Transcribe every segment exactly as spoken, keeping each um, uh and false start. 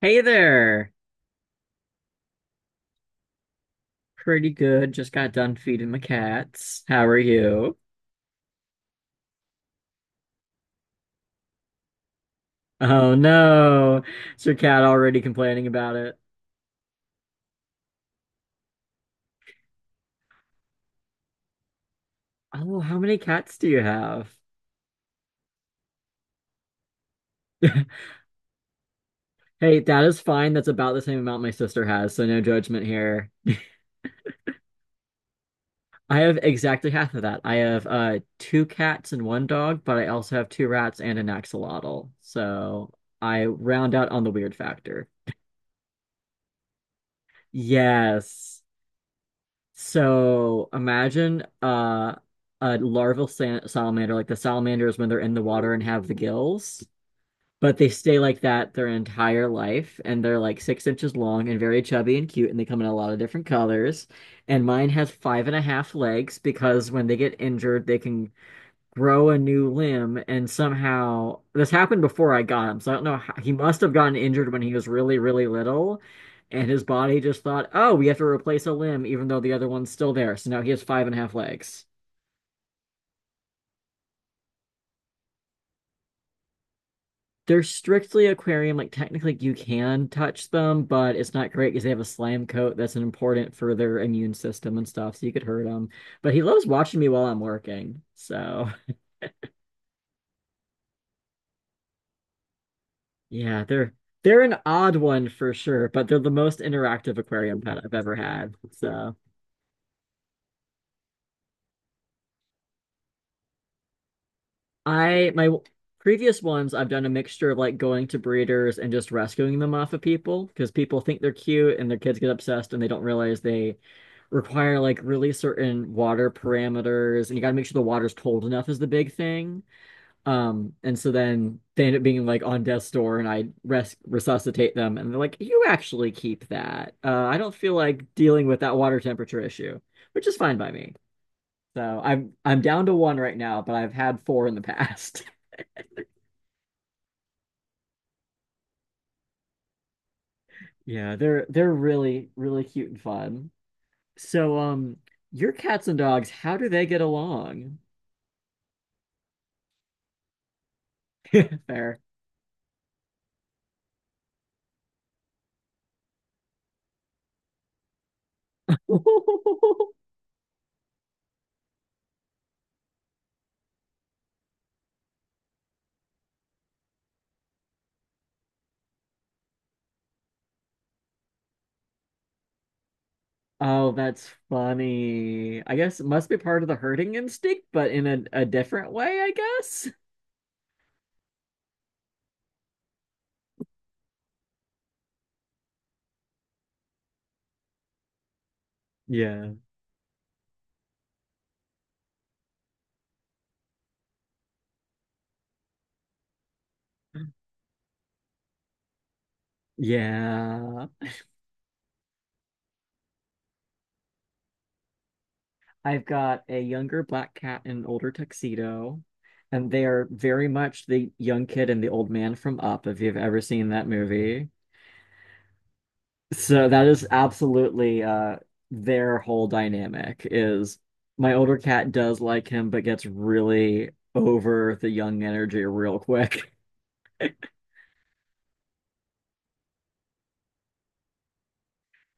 Hey there. Pretty good. Just got done feeding my cats. How are you? Oh no. Is your cat already complaining about it? Oh, how many cats do you have? Hey, that is fine. That's about the same amount my sister has, so no judgment here. I have exactly half of that. I have uh two cats and one dog, but I also have two rats and an axolotl. So I round out on the weird factor. Yes. So imagine uh, a larval sa salamander, like the salamanders when they're in the water and have the gills, but they stay like that their entire life, and they're like six inches long and very chubby and cute, and they come in a lot of different colors. And mine has five and a half legs because when they get injured, they can grow a new limb, and somehow this happened before I got him, so I don't know how. He must have gotten injured when he was really, really little, and his body just thought, oh, we have to replace a limb even though the other one's still there. So now he has five and a half legs. They're strictly aquarium. Like, technically you can touch them, but it's not great because they have a slime coat that's important for their immune system and stuff, so you could hurt them. But he loves watching me while I'm working, so. Yeah, they're they're an odd one for sure, but they're the most interactive aquarium pet I've ever had. So I my w- previous ones, I've done a mixture of like going to breeders and just rescuing them off of people because people think they're cute and their kids get obsessed and they don't realize they require like really certain water parameters, and you gotta make sure the water's cold enough is the big thing. Um, and so then they end up being like on death's door, and I res resuscitate them, and they're like, "You actually keep that. Uh, I don't feel like dealing with that water temperature issue, which is fine by me." So I'm I'm down to one right now, but I've had four in the past. Yeah, they're they're really really cute and fun. So um, your cats and dogs, how do they get along? Fair. Oh, that's funny. I guess it must be part of the herding instinct, but in a, a different way, I guess. Yeah. Yeah. I've got a younger black cat and an older tuxedo, and they are very much the young kid and the old man from Up, if you've ever seen that movie. So that is absolutely uh their whole dynamic is my older cat does like him, but gets really over the young energy real quick.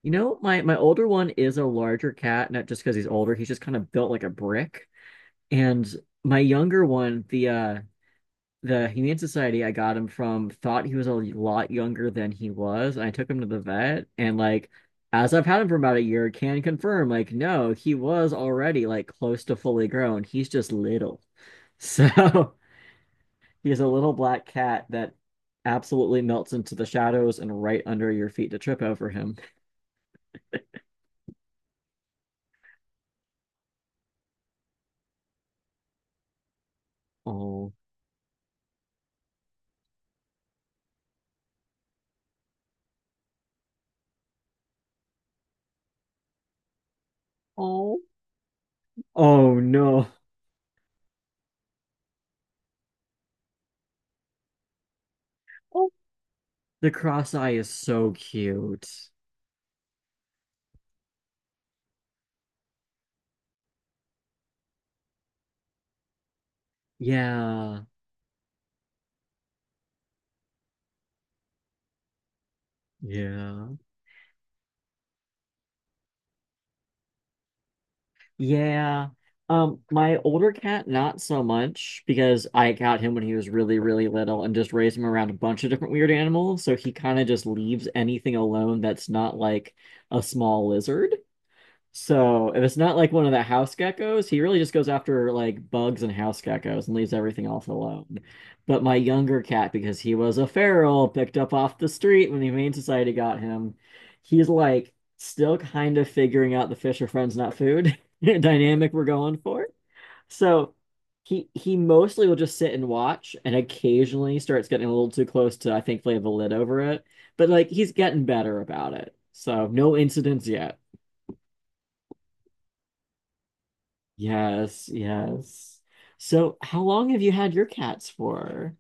You know, my my older one is a larger cat, not just because he's older. He's just kind of built like a brick. And my younger one, the uh the Humane Society I got him from thought he was a lot younger than he was. And I took him to the vet, and like, as I've had him for about a year, can confirm like, no, he was already like close to fully grown. He's just little. So he's a little black cat that absolutely melts into the shadows and right under your feet to trip over him. Oh. Oh. Oh no. Oh, the cross eye is so cute. Yeah. Yeah. Yeah. Um, my older cat, not so much because I got him when he was really, really little and just raised him around a bunch of different weird animals. So he kind of just leaves anything alone that's not like a small lizard. So if it's not like one of the house geckos, he really just goes after like bugs and house geckos and leaves everything else alone. But my younger cat, because he was a feral, picked up off the street when the Humane Society got him, he's like still kind of figuring out the fish are friends, not food dynamic we're going for. So he he mostly will just sit and watch and occasionally starts getting a little too close to, I think, lay the lid over it. But like, he's getting better about it. So no incidents yet. Yes, yes. So, how long have you had your cats for?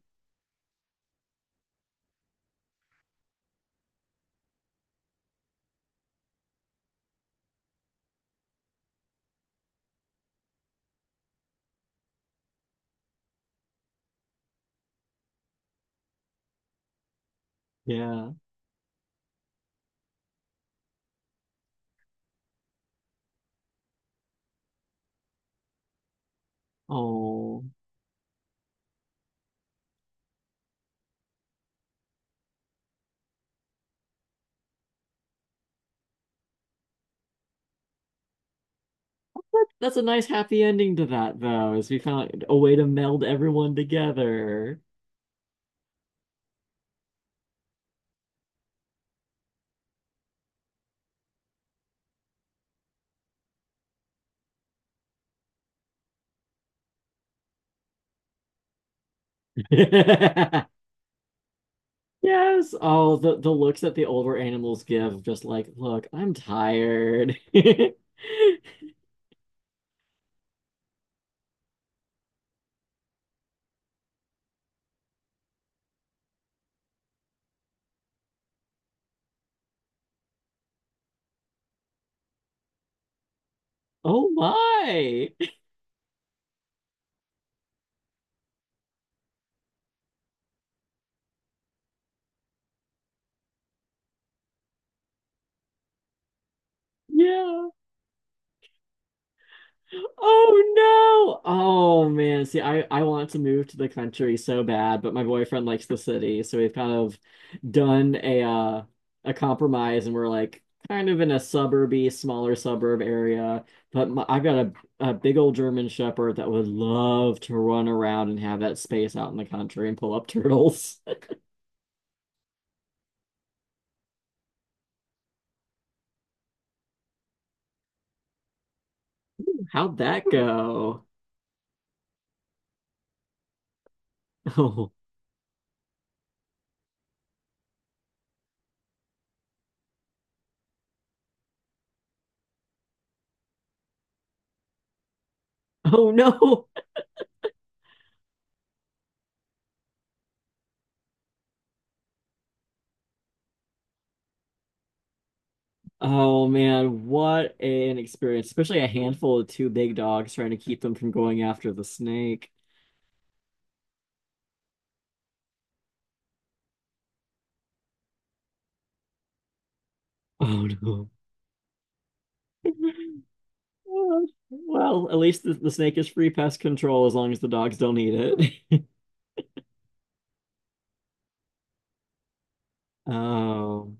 Yeah. Oh, that, that's a nice happy ending to that, though, is we found a way to meld everyone together. Yes. Oh, the the looks that the older animals give, just like, look, I'm tired. Oh my. Yeah. Oh no. Oh man. See, I I want to move to the country so bad, but my boyfriend likes the city, so we've kind of done a uh a compromise, and we're like kind of in a suburby, smaller suburb area, but my, I've got a a big old German Shepherd that would love to run around and have that space out in the country and pull up turtles. How'd that go? Oh. Oh no. Oh man, what an experience, especially a handful of two big dogs trying to keep them from going after the snake. Oh no. Well, well, at least the, the snake is free pest control as long as the dogs don't eat it. Oh.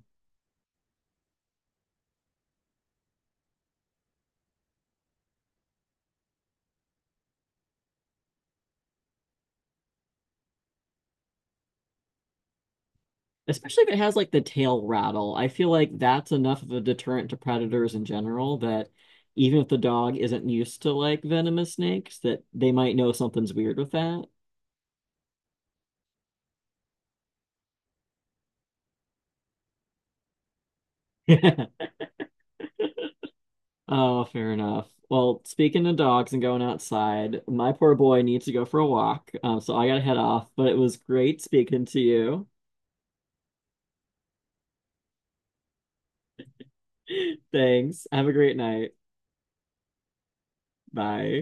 Especially if it has like the tail rattle. I feel like that's enough of a deterrent to predators in general that even if the dog isn't used to like venomous snakes, that they might know something's weird with that. Oh, fair enough. Well, speaking of dogs and going outside, my poor boy needs to go for a walk. Um, so I gotta head off, but it was great speaking to you. Thanks. Have a great night. Bye.